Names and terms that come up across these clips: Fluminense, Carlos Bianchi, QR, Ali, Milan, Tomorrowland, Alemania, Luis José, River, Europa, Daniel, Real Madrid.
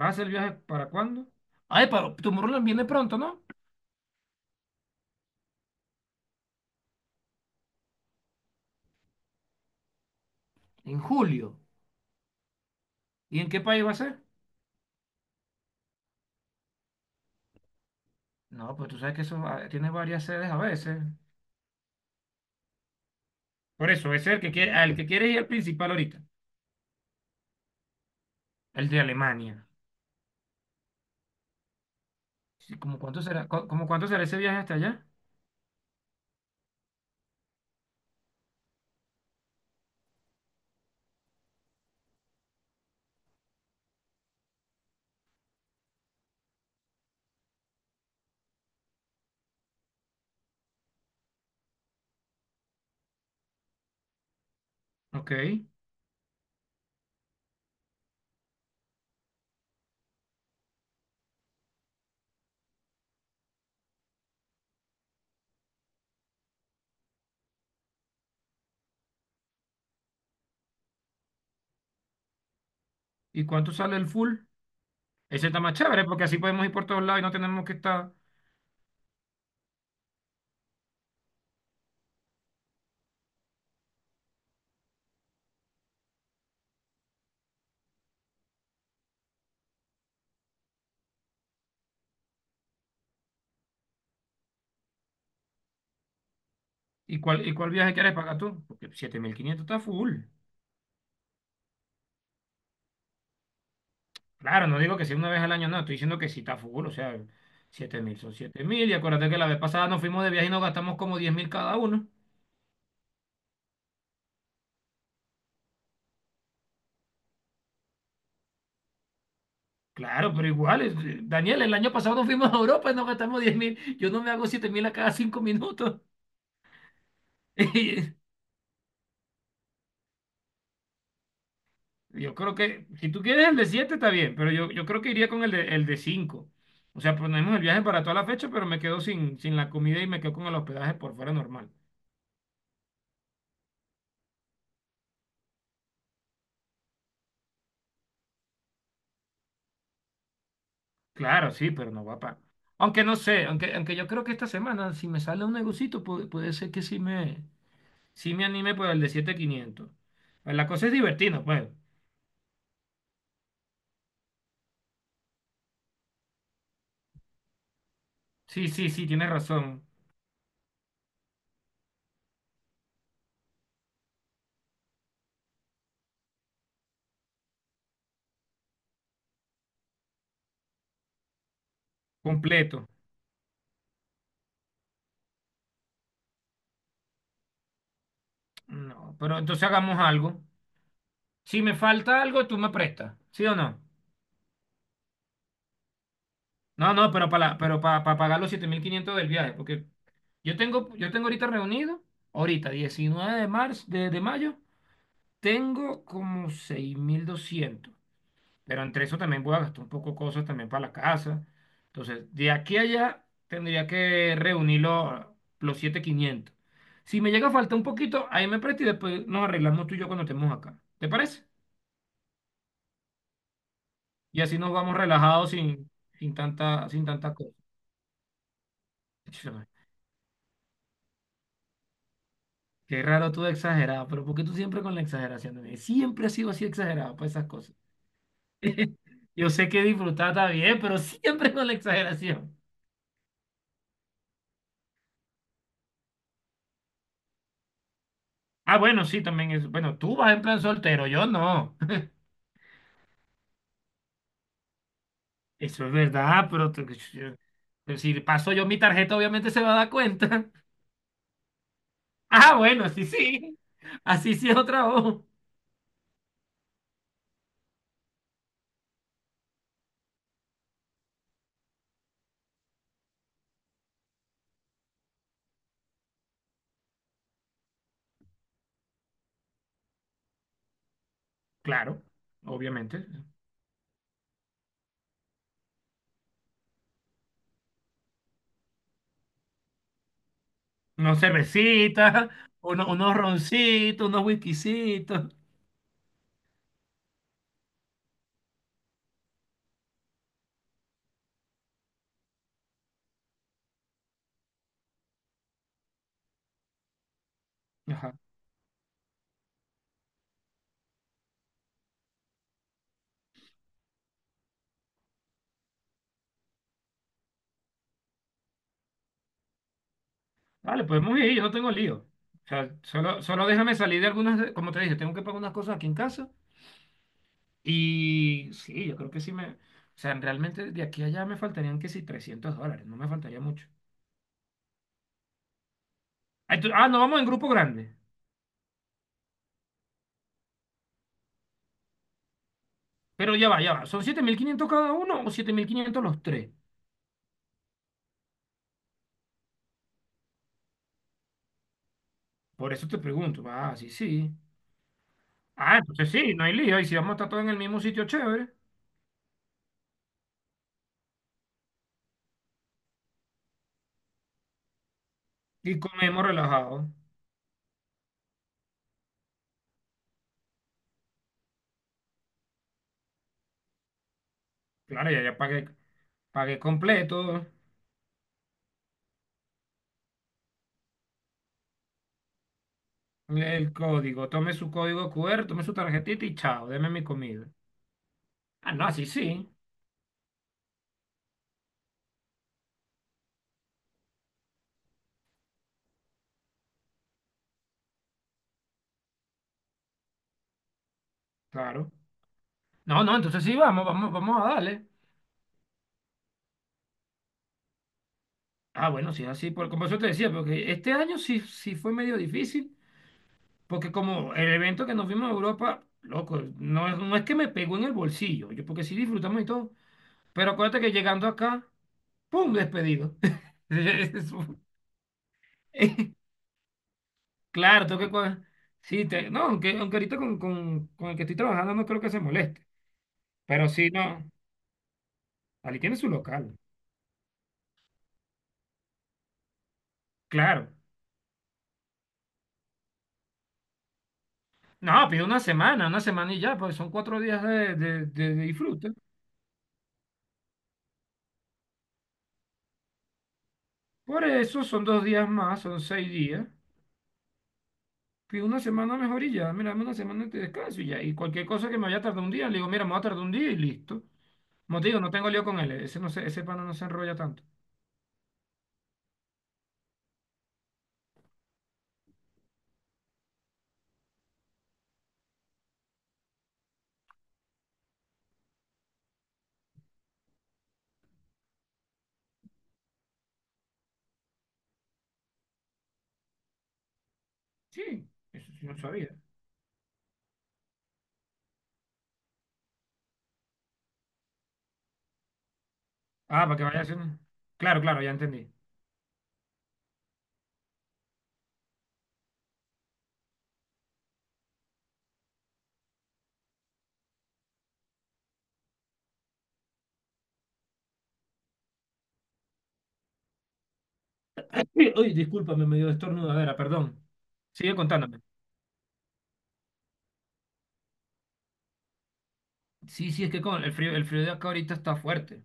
¿Va a hacer el viaje para cuándo? Ay, pero Tomorrowland viene pronto, ¿no? En julio. ¿Y en qué país va a ser? No, pues tú sabes que eso tiene varias sedes a veces. Por eso, ese es el que quiere, al que quiere ir al principal ahorita, el de Alemania. Sí, ¿cómo cuánto será, como cuánto será ese viaje hasta allá? Ok. ¿Y cuánto sale el full? Ese está más chévere porque así podemos ir por todos lados y no tenemos que estar. ¿Y cuál viaje quieres pagar tú? Porque 7.500 está full. Claro, no digo que sea una vez al año, no, estoy diciendo que sí está full, o sea, 7.000 son 7.000, y acuérdate que la vez pasada nos fuimos de viaje y nos gastamos como 10.000 cada uno. Claro, pero igual, Daniel, el año pasado nos fuimos a Europa y nos gastamos 10.000, yo no me hago 7.000 a cada 5 minutos. Y yo creo que, si tú quieres el de 7 está bien, pero yo creo que iría con el de 5. O sea, ponemos el viaje para toda la fecha, pero me quedo sin la comida y me quedo con el hospedaje por fuera normal. Claro, sí, pero no va para. Aunque no sé, aunque yo creo que esta semana, si me sale un negocito, puede, ser que sí me anime por el de 7.500. Pues la cosa es divertida, pues. Sí, sí, sí, tienes razón. Completo. No, pero entonces hagamos algo. Si me falta algo, tú me prestas, ¿sí o no? No, no, pero para pagar los 7.500 del viaje, porque yo tengo ahorita reunido, ahorita, 19 de marzo, de mayo, tengo como 6.200. Pero entre eso también voy a gastar un poco de cosas también para la casa. Entonces, de aquí a allá tendría que reunir los 7.500. Si me llega a faltar un poquito, ahí me presta y después nos arreglamos tú y yo cuando estemos acá. ¿Te parece? Y así nos vamos relajados sin tanta cosa. Chama, qué raro tú de exagerado, pero ¿por qué tú siempre con la exageración, nene? Siempre has sido así exagerado para esas cosas. Yo sé que disfrutar está bien, pero siempre con la exageración. Ah, bueno, sí, también es. Bueno, tú vas en plan soltero, yo no. Eso es verdad, pero si paso yo mi tarjeta, obviamente se va a dar cuenta. Ah, bueno, sí, sí. Así sí es otra voz. Claro, obviamente. Unos cervecitas, unos roncitos, unos whiskycitos. Ajá. Vale, podemos ir, yo no tengo lío. O sea, solo déjame salir de algunas, como te dije, tengo que pagar unas cosas aquí en casa. Y sí, yo creo que sí me. O sea, realmente de aquí a allá me faltarían que sí $300, no me faltaría mucho. Ay, ah, no, vamos en grupo grande. Pero ya va, ya va. ¿Son 7.500 cada uno o 7.500 los tres? Por eso te pregunto. Ah, sí, sí. Ah, entonces sí, no hay lío. Y si vamos a estar todos en el mismo sitio, chévere. Y comemos relajado. Claro, ya pagué completo. El código, tome su código QR, tome su tarjetita y chao, deme mi comida. Ah, no, así sí, claro. No, no, entonces sí, vamos a darle. Ah, bueno, sí, así, por, como eso te decía, porque este año sí fue medio difícil. Porque como el evento que nos vimos en Europa, loco, no es que me pegó en el bolsillo, yo porque sí disfrutamos y todo, pero acuérdate que llegando acá, ¡pum! Despedido. Eso- Claro, tengo que. Sí, no, aunque ahorita con el que estoy trabajando no creo que se moleste, pero sí, no, Ali tiene su local, claro. No, pido una semana y ya, pues son 4 días de disfrute. Por eso son 2 días más, son seis días, que una semana mejor y ya, mira, dame una semana de descanso y ya. Y cualquier cosa que me vaya a tardar un día, le digo, mira, me va a tardar un día y listo. Como te digo, no tengo lío con él, ese, no se, ese pana no se enrolla tanto. Sí, eso sí no sabía. Ah, para que vaya haciendo. Claro, claro, ya entendí. Uy, uy, discúlpame, me dio estornudadera, perdón. Sigue contándome. Sí, sí, es que con el frío, de acá ahorita está fuerte.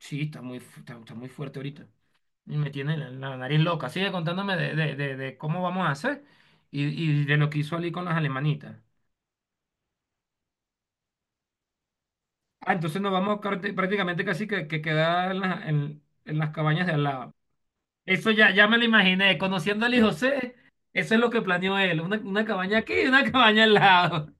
Sí, está muy fuerte ahorita. Y me tiene la nariz loca. Sigue contándome de cómo vamos a hacer y de lo que hizo Ali con las alemanitas. Ah, entonces nos vamos prácticamente casi que quedar en las cabañas de al lado. Eso ya me lo imaginé. Conociendo a Luis José, eso es lo que planeó él. Una cabaña aquí y una cabaña al lado.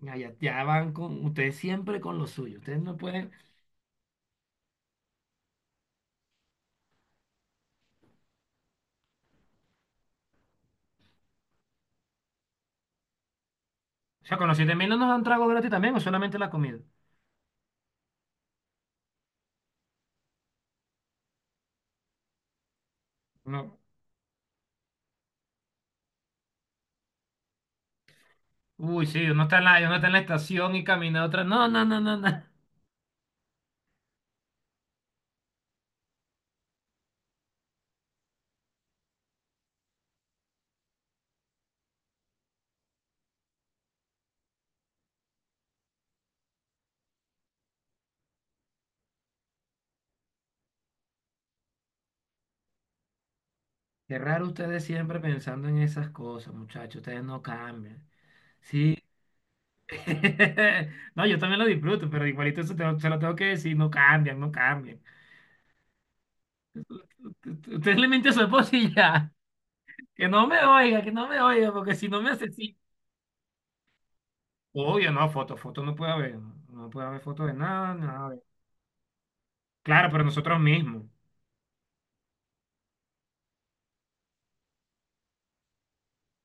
Ya, ya, ya van con ustedes siempre con lo suyo. Ustedes no pueden. O sea, con los 7 mil no nos dan trago gratis también o solamente la comida. No. Uy, sí, uno está en la estación y camina a otra. No, no, no, no, no. Qué raro ustedes siempre pensando en esas cosas, muchachos. Ustedes no cambian. Sí. No, yo también lo disfruto, pero igualito eso se lo tengo que decir, no cambian, no cambian. Usted le miente a su esposa y ya. Que no me oiga, que no me oiga, porque si no me asesina. Obvio, no, foto, foto no puede haber. No puede haber foto de nada, nada. Claro, pero nosotros mismos.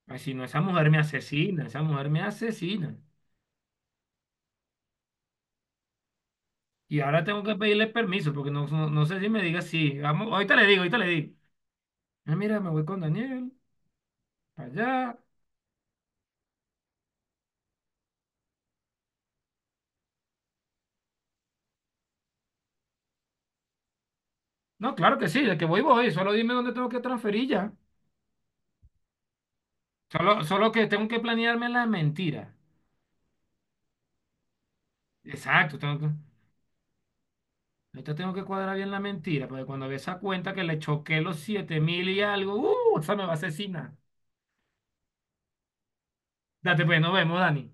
Así no, esa mujer me asesina, esa mujer me asesina. Y ahora tengo que pedirle permiso, porque no, no, no sé si me diga sí. Vamos, ahorita le digo, ahorita le digo. Ah, mira, me voy con Daniel, para allá. No, claro que sí, de que voy, voy. Solo dime dónde tengo que transferir ya. Solo que tengo que planearme la mentira. Exacto, ahorita tengo que cuadrar bien la mentira, porque cuando ve esa cuenta que le choqué los 7.000 y algo, esa me va a asesinar. Date pues, nos vemos, Dani.